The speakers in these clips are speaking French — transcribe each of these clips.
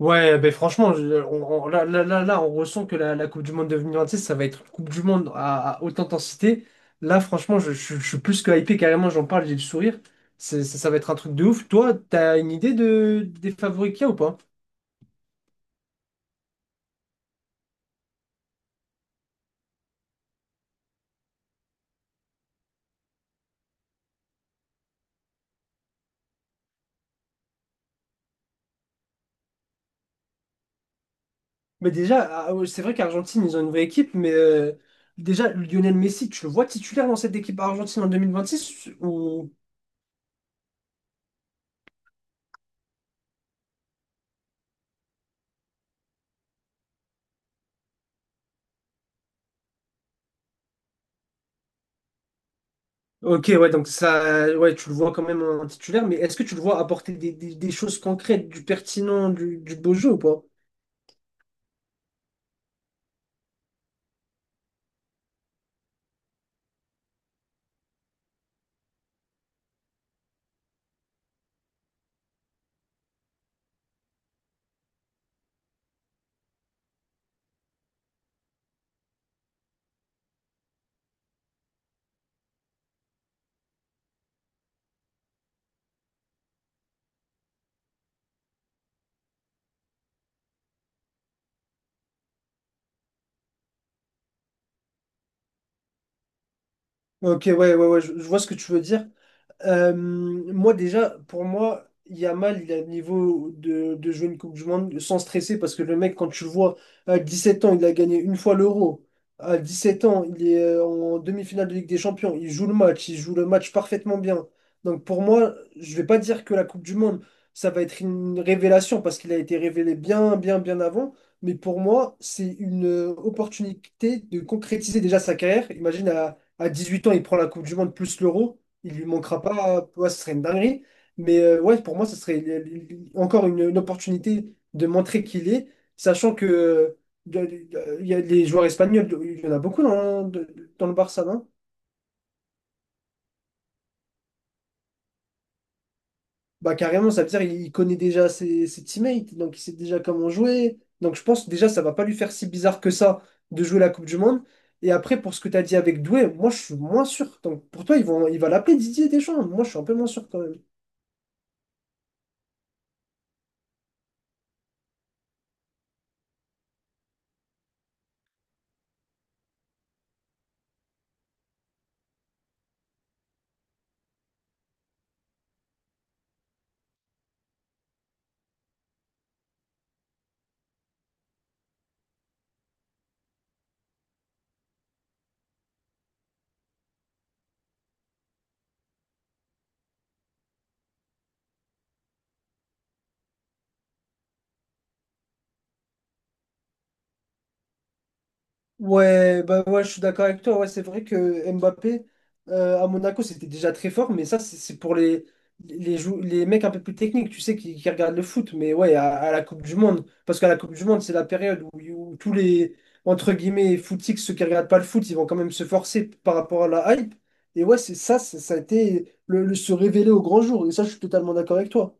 Ouais, ben franchement, là, on ressent que la Coupe du Monde 2026, ça va être une Coupe du Monde à haute intensité. Là, franchement, je suis plus que hypé, carrément, j'en parle, j'ai le sourire. Ça va être un truc de ouf. Toi, t'as une idée des favoris qu'il y a ou pas? Mais déjà, ah, ouais, c'est vrai qu'Argentine, ils ont une vraie équipe, mais déjà, Lionel Messi, tu le vois titulaire dans cette équipe argentine en 2026 ou... Ok, ouais, donc ça, ouais, tu le vois quand même en titulaire, mais est-ce que tu le vois apporter des choses concrètes, du pertinent, du beau jeu ou pas? Ok, ouais, ouais, ouais, je vois ce que tu veux dire. Moi, déjà, pour moi, Yamal, il a le niveau de jouer une Coupe du Monde sans stresser parce que le mec, quand tu le vois, à 17 ans, il a gagné une fois l'Euro. À 17 ans, il est en demi-finale de Ligue des Champions. Il joue le match, il joue le match parfaitement bien. Donc, pour moi, je vais pas dire que la Coupe du Monde, ça va être une révélation parce qu'il a été révélé bien, bien, bien avant. Mais pour moi, c'est une opportunité de concrétiser déjà sa carrière. Imagine, à 18 ans, il prend la Coupe du Monde plus l'Euro il lui manquera pas, ouais, ce serait une dinguerie. Mais ouais, pour moi, ce serait encore une opportunité de montrer qu'il est, sachant que il y a les joueurs espagnols, il y en a beaucoup dans le Barça, non? Bah carrément, ça veut dire qu'il connaît déjà ses teammates, donc il sait déjà comment jouer. Donc je pense déjà ça va pas lui faire si bizarre que ça de jouer la Coupe du Monde. Et après, pour ce que tu as dit avec Doué, moi je suis moins sûr. Donc pour toi, il va l'appeler Didier Deschamps. Moi je suis un peu moins sûr quand même. Ouais, bah ouais, je suis d'accord avec toi. Ouais, c'est vrai que Mbappé à Monaco c'était déjà très fort, mais ça c'est pour les mecs un peu plus techniques, tu sais, qui regardent le foot. Mais ouais, à la Coupe du Monde, parce qu'à la Coupe du Monde c'est la période où tous les entre guillemets footix, ceux qui regardent pas le foot, ils vont quand même se forcer par rapport à la hype. Et ouais, c'est ça, ça a été le se révéler au grand jour. Et ça, je suis totalement d'accord avec toi.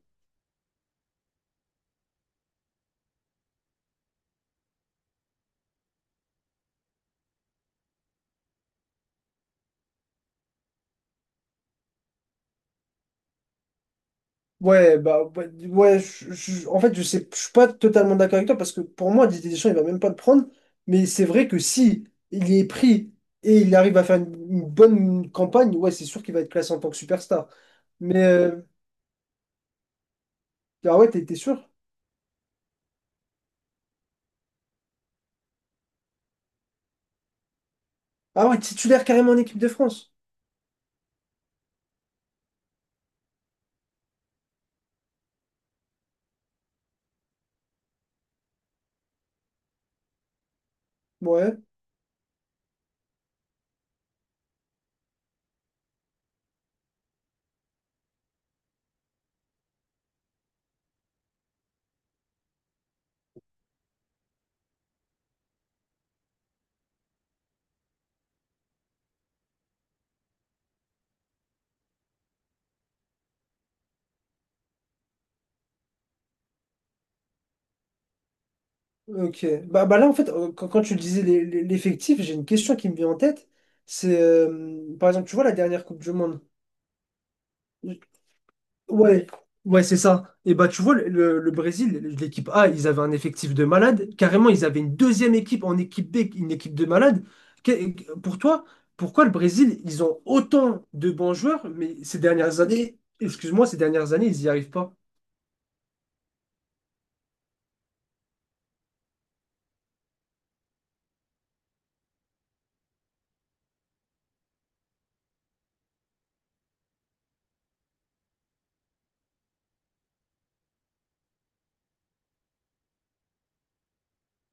Ouais, bah, ouais, en fait, je sais, je suis pas totalement d'accord avec toi parce que pour moi, Didier Deschamps, il va même pas le prendre. Mais c'est vrai que si il est pris et il arrive à faire une bonne campagne, ouais, c'est sûr qu'il va être classé en tant que superstar. Mais ah ouais, t'es sûr? Ah ouais, titulaire carrément en équipe de France. Ouais, ok. Bah là, en fait, quand tu disais l'effectif, j'ai une question qui me vient en tête. C'est, par exemple, tu vois la dernière Coupe du Monde. Ouais, ouais, c'est ça. Et bah, tu vois, le Brésil, l'équipe A, ils avaient un effectif de malade. Carrément, ils avaient une deuxième équipe en équipe B, une équipe de malade. Pour toi, pourquoi le Brésil, ils ont autant de bons joueurs, mais ces dernières années, excuse-moi, ces dernières années, ils n'y arrivent pas.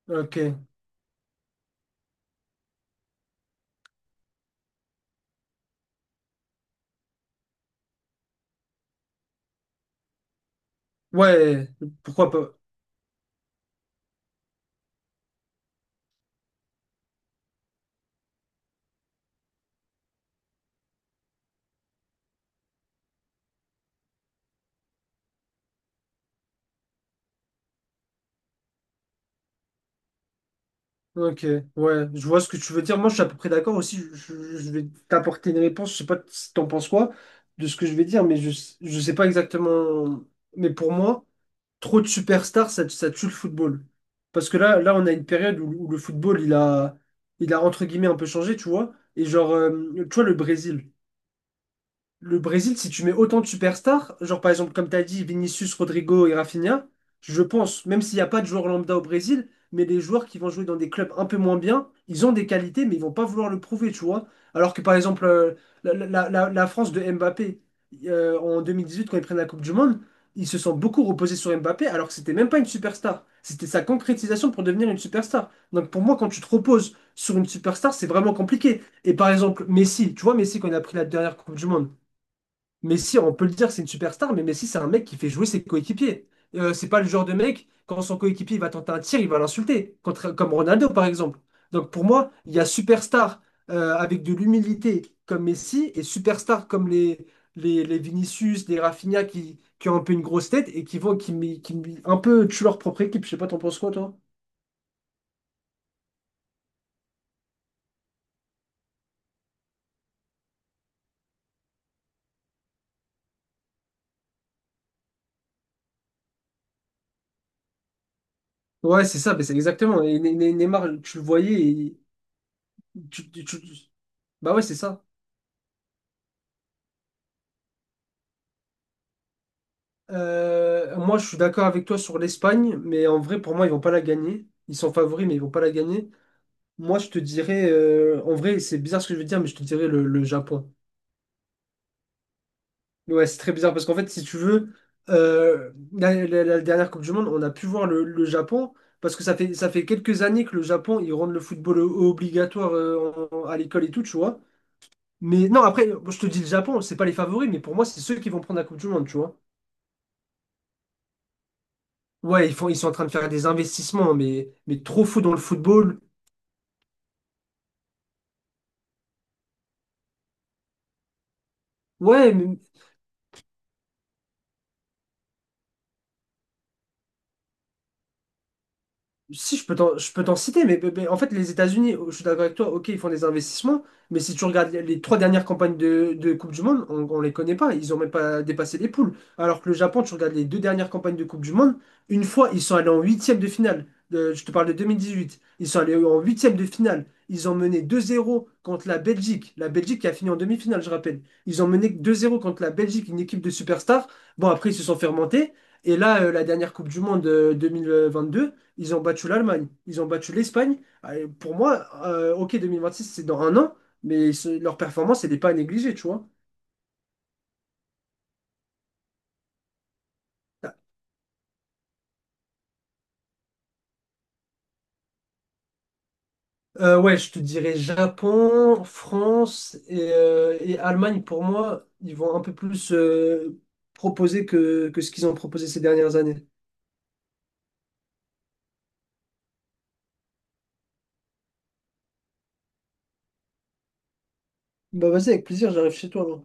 Ok. Ouais, pourquoi pas? Ok, ouais, je vois ce que tu veux dire. Moi, je suis à peu près d'accord aussi. Je vais t'apporter une réponse. Je sais pas si t'en penses quoi de ce que je vais dire, mais je sais pas exactement. Mais pour moi, trop de superstars, ça tue le football. Parce que là, on a une période où le football, il a entre guillemets un peu changé, tu vois. Et genre, tu vois, le Brésil. Le Brésil, si tu mets autant de superstars, genre par exemple, comme tu as dit, Vinicius, Rodrigo et Rafinha, je pense, même s'il n'y a pas de joueurs lambda au Brésil, mais les joueurs qui vont jouer dans des clubs un peu moins bien, ils ont des qualités, mais ils vont pas vouloir le prouver, tu vois. Alors que par exemple, la France de Mbappé, en 2018, quand ils prennent la Coupe du Monde, ils se sont beaucoup reposés sur Mbappé, alors que c'était même pas une superstar. C'était sa concrétisation pour devenir une superstar. Donc pour moi, quand tu te reposes sur une superstar, c'est vraiment compliqué. Et par exemple, Messi, tu vois, Messi, quand il a pris la dernière Coupe du Monde, Messi, on peut le dire, c'est une superstar, mais Messi, c'est un mec qui fait jouer ses coéquipiers. C'est pas le genre de mec, quand son coéquipier il va tenter un tir, il va l'insulter, comme Ronaldo par exemple. Donc pour moi, il y a superstar avec de l'humilité comme Messi et superstar comme les Vinicius, les Rafinha qui ont un peu une grosse tête et qui vont qui mi- un peu tuent leur propre équipe. Je sais pas, t'en penses quoi, toi? Ouais, c'est ça, mais c'est exactement. Et Neymar, tu le voyais et tu, tu- tu- Bah ouais, c'est ça. Moi, je suis d'accord avec toi sur l'Espagne, mais en vrai, pour moi, ils vont pas la gagner. Ils sont favoris, mais ils vont pas la gagner. Moi, je te dirais, en vrai, c'est bizarre ce que je veux dire, mais je te dirais le Japon. Ouais, c'est très bizarre parce qu'en fait, si tu veux, la dernière Coupe du Monde, on a pu voir le Japon parce que ça fait quelques années que le Japon, ils rendent le football obligatoire à l'école et tout, tu vois. Mais non, après, je te dis le Japon, c'est pas les favoris, mais pour moi, c'est ceux qui vont prendre la Coupe du Monde, tu vois. Ouais, ils sont en train de faire des investissements, mais trop fous dans le football. Ouais, mais si, je peux t'en citer, mais en fait, les États-Unis, oh, je suis d'accord avec toi, ok, ils font des investissements, mais si tu regardes les trois dernières campagnes de Coupe du Monde, on les connaît pas, ils ont même pas dépassé les poules. Alors que le Japon, tu regardes les deux dernières campagnes de Coupe du Monde, une fois, ils sont allés en huitième de finale. Je te parle de 2018. Ils sont allés en huitième de finale. Ils ont mené 2-0 contre la Belgique. La Belgique qui a fini en demi-finale, je rappelle. Ils ont mené 2-0 contre la Belgique, une équipe de superstars. Bon, après, ils se sont fait remonter. Et là, la dernière Coupe du Monde 2022. Ils ont battu l'Allemagne, ils ont battu l'Espagne. Allez, pour moi, OK, 2026, c'est dans un an, mais leur performance, elle n'est pas à négliger, tu vois. Ouais, je te dirais Japon, France et Allemagne, pour moi, ils vont un peu plus proposer que ce qu'ils ont proposé ces dernières années. Bah vas-y, avec plaisir, j'arrive chez toi. Là.